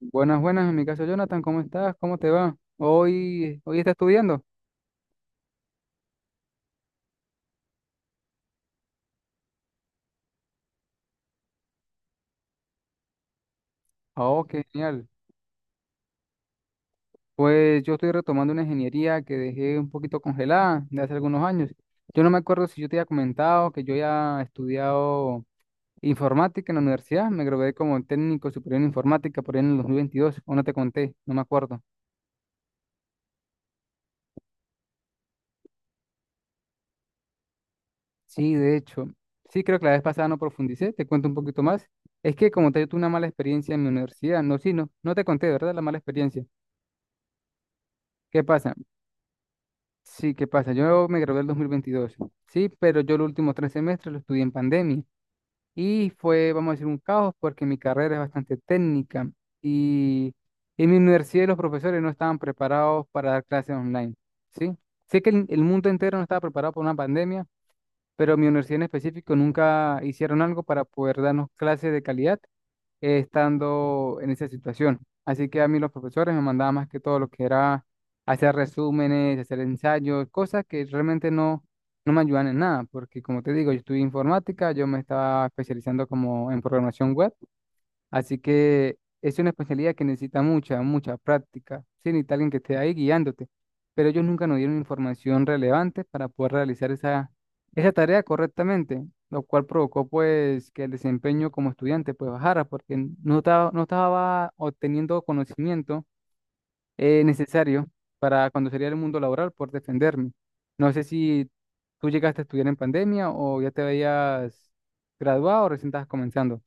Buenas, buenas, en mi caso Jonathan, ¿cómo estás? ¿Cómo te va? Hoy estás estudiando. Oh, qué genial. Pues yo estoy retomando una ingeniería que dejé un poquito congelada de hace algunos años. Yo no me acuerdo si yo te había comentado que yo ya he estudiado informática en la universidad. Me gradué como técnico superior en informática por ahí en el 2022. O no te conté, no me acuerdo. Sí, de hecho. Sí, creo que la vez pasada no profundicé. Te cuento un poquito más. Es que como te digo, tuve una mala experiencia en mi universidad. No, sí, no, no te conté, ¿verdad? La mala experiencia. ¿Qué pasa? Sí, ¿qué pasa? Yo me gradué en el 2022, sí, pero yo los últimos 3 semestres lo estudié en pandemia y fue, vamos a decir, un caos porque mi carrera es bastante técnica y en mi universidad los profesores no estaban preparados para dar clases online, sí. Sé que el mundo entero no estaba preparado para una pandemia, pero mi universidad en específico nunca hicieron algo para poder darnos clases de calidad, estando en esa situación. Así que a mí los profesores me mandaban más que todo lo que era hacer resúmenes, hacer ensayos, cosas que realmente no, no me ayudan en nada, porque como te digo, yo estudié informática, yo me estaba especializando como en programación web. Así que es una especialidad que necesita mucha, mucha práctica. Sí, necesita alguien que esté ahí guiándote. Pero ellos nunca nos dieron información relevante para poder realizar esa tarea correctamente, lo cual provocó pues que el desempeño como estudiante pues bajara porque no estaba obteniendo conocimiento necesario para cuando sería el mundo laboral por defenderme. No sé si tú llegaste a estudiar en pandemia o ya te habías graduado o recién estabas comenzando.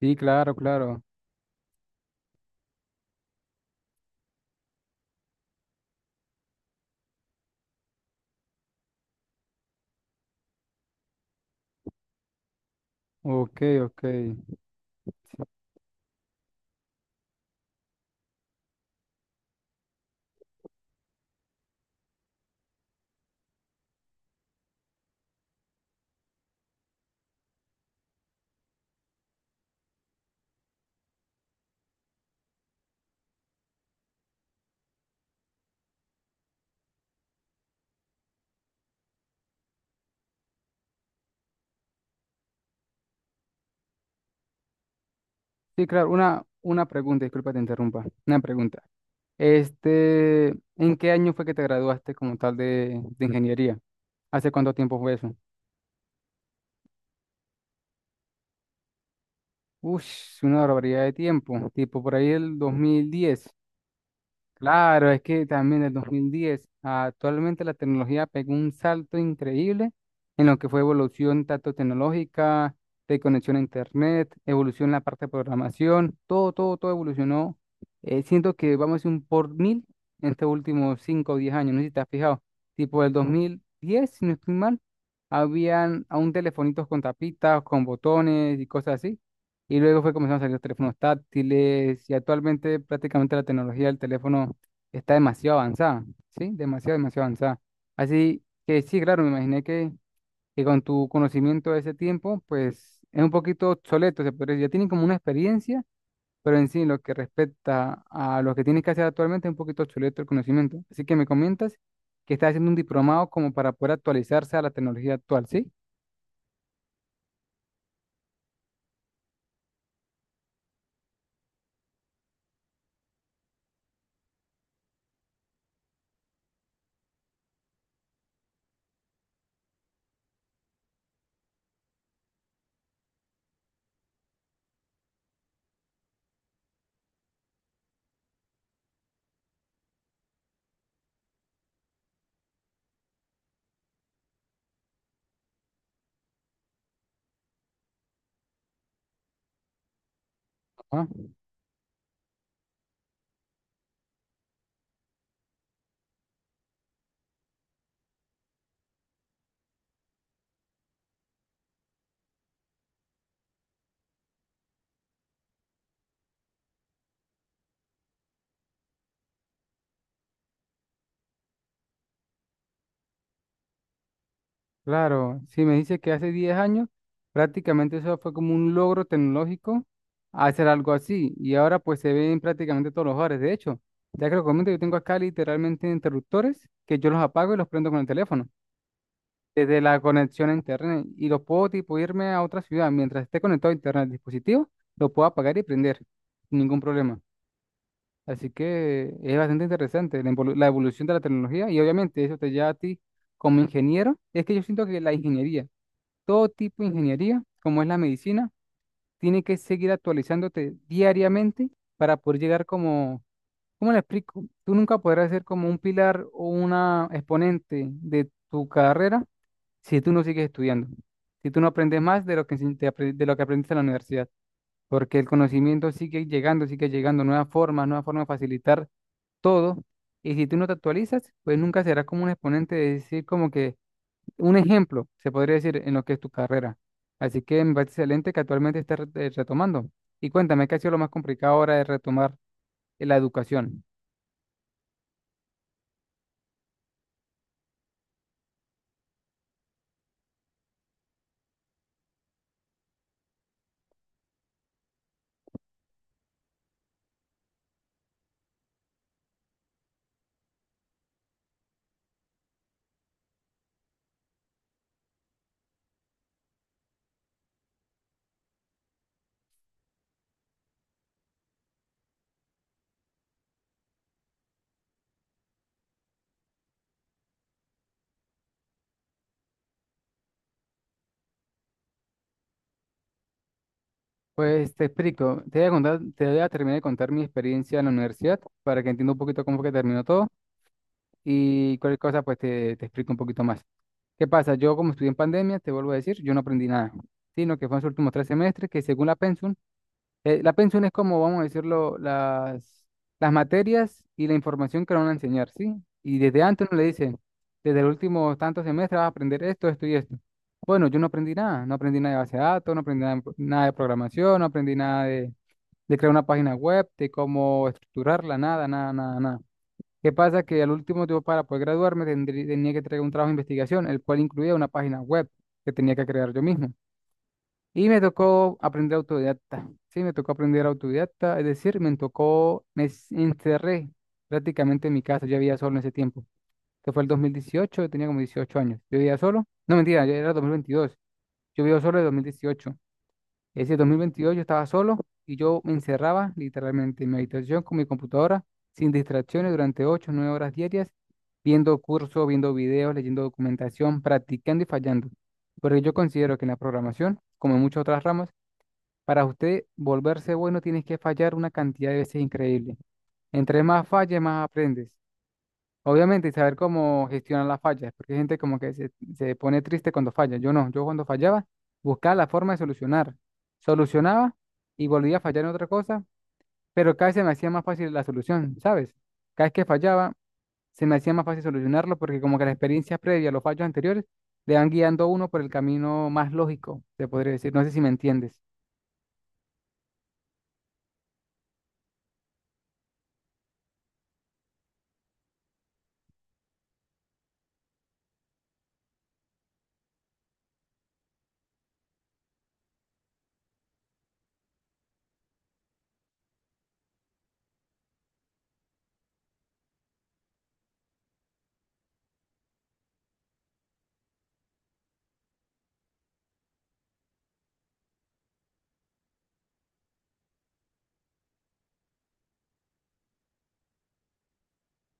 Sí, claro, claro. Ok, ok. Sí, claro, una pregunta, disculpa te interrumpa. Una pregunta. Este, ¿En qué año fue que te graduaste como tal de ingeniería? ¿Hace cuánto tiempo fue eso? Ush, una barbaridad de tiempo, tipo por ahí el 2010. Claro, es que también del 2010 a actualmente la tecnología pegó un salto increíble en lo que fue evolución tanto tecnológica, de conexión a internet, evolución en la parte de programación, todo, todo, todo evolucionó. Siento que vamos a decir un por mil en estos últimos 5 o 10 años, no sé si te has fijado, tipo del 2010, si no estoy mal, habían aún telefonitos con tapitas, con botones y cosas así. Y luego fue comenzando a salir los teléfonos táctiles y actualmente prácticamente la tecnología del teléfono está demasiado avanzada, ¿sí? Demasiado, demasiado avanzada. Así que sí, claro, me imaginé que con tu conocimiento de ese tiempo, pues es un poquito obsoleto, se podría decir. Ya tienen como una experiencia, pero en sí, lo que respecta a lo que tienes que hacer actualmente, es un poquito obsoleto el conocimiento. Así que me comentas que estás haciendo un diplomado como para poder actualizarse a la tecnología actual, ¿sí? Ah, claro, si me dice que hace 10 años, prácticamente eso fue como un logro tecnológico hacer algo así. Y ahora pues se ve en prácticamente todos los hogares. De hecho, ya que lo comento, yo tengo acá literalmente interruptores que yo los apago y los prendo con el teléfono, desde la conexión a internet. Y los puedo tipo irme a otra ciudad. Mientras esté conectado a internet al dispositivo, lo puedo apagar y prender sin ningún problema. Así que es bastante interesante la la evolución de la tecnología y obviamente eso te lleva a ti como ingeniero. Es que yo siento que la ingeniería, todo tipo de ingeniería, como es la medicina, tiene que seguir actualizándote diariamente para poder llegar como, ¿cómo le explico? Tú nunca podrás ser como un pilar o una exponente de tu carrera si tú no sigues estudiando, si tú no aprendes más de lo que, de lo que aprendiste en la universidad, porque el conocimiento sigue llegando, nuevas formas de facilitar todo, y si tú no te actualizas, pues nunca serás como un exponente de decir como que un ejemplo, se podría decir, en lo que es tu carrera. Así que me parece excelente que actualmente estés retomando. Y cuéntame, ¿qué ha sido lo más complicado ahora de retomar, la educación? Pues te explico, te voy a contar, te voy a terminar de contar mi experiencia en la universidad para que entienda un poquito cómo fue que terminó todo y cualquier cosa pues te explico un poquito más. ¿Qué pasa? Yo como estudié en pandemia, te vuelvo a decir, yo no aprendí nada, sino que fue en los últimos 3 semestres que según la pensum. La pensión es como, vamos a decirlo, las materias y la información que le van a enseñar, ¿sí? Y desde antes uno le dicen, desde el último tanto semestre vas a aprender esto, esto y esto. Bueno, yo no aprendí nada, no aprendí nada de base de datos, no aprendí nada, nada de programación, no aprendí nada de, de crear una página web, de cómo estructurarla, nada, nada, nada, nada. ¿Qué pasa? Que al último yo para poder graduarme tenía que traer un trabajo de investigación, el cual incluía una página web que tenía que crear yo mismo. Y me tocó aprender autodidacta. Sí, me tocó aprender autodidacta, es decir, me tocó, encerré prácticamente en mi casa. Yo vivía solo en ese tiempo, que fue el 2018, yo tenía como 18 años. Yo vivía solo, no mentira, ya era 2022. Yo vivía solo en 2018. Ese veintidós yo estaba solo y yo me encerraba literalmente en mi habitación con mi computadora, sin distracciones durante 8 o 9 horas diarias, viendo cursos, viendo videos, leyendo documentación, practicando y fallando. Porque yo considero que en la programación, como en muchas otras ramas, para usted volverse bueno tienes que fallar una cantidad de veces increíble. Entre más falles, más aprendes. Obviamente, saber cómo gestionar las fallas, porque hay gente como que se pone triste cuando falla. Yo no, yo cuando fallaba buscaba la forma de solucionar. Solucionaba y volvía a fallar en otra cosa, pero cada vez se me hacía más fácil la solución, ¿sabes? Cada vez que fallaba se me hacía más fácil solucionarlo porque como que la experiencia previa, los fallos anteriores, le van guiando a uno por el camino más lógico, te podría decir. No sé si me entiendes.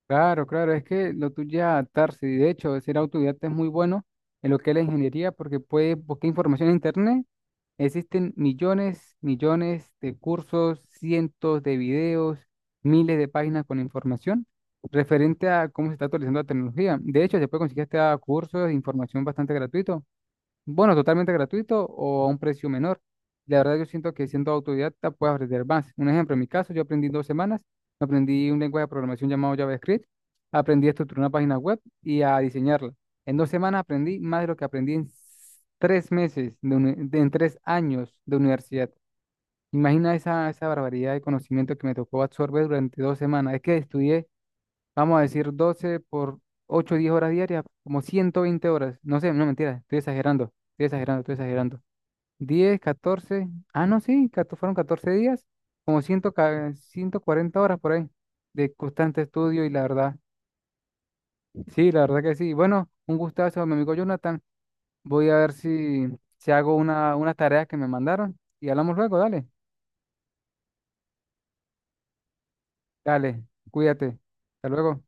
Claro, claro, es que lo tuyo es adaptarse y de hecho ser autodidacta es muy bueno en lo que es la ingeniería porque puedes buscar información en internet. Existen millones, millones de cursos, cientos de videos, miles de páginas con información referente a cómo se está actualizando la tecnología. De hecho, se puede conseguir hasta cursos de información bastante gratuito, bueno, totalmente gratuito o a un precio menor. La verdad yo siento que siendo autodidacta puedes aprender más. Un ejemplo, en mi caso, yo aprendí en 2 semanas, aprendí un lenguaje de programación llamado JavaScript, aprendí a estructurar una página web y a diseñarla. En 2 semanas aprendí más de lo que aprendí 3 meses, en 3 años de universidad. Imagina esa barbaridad de conocimiento que me tocó absorber durante 2 semanas. Es que estudié, vamos a decir, 12 por ocho, 10 horas diarias, como 120 horas. No sé, no mentira, estoy exagerando, estoy exagerando, estoy exagerando. Diez, 14, ah, no, sí, fueron 14 días, como 100, 140 horas por ahí, de constante estudio y la verdad, sí, la verdad que sí. Bueno, un gustazo, mi amigo Jonathan. Voy a ver si, si hago unas tareas que me mandaron y hablamos luego, dale, dale, cuídate, hasta luego.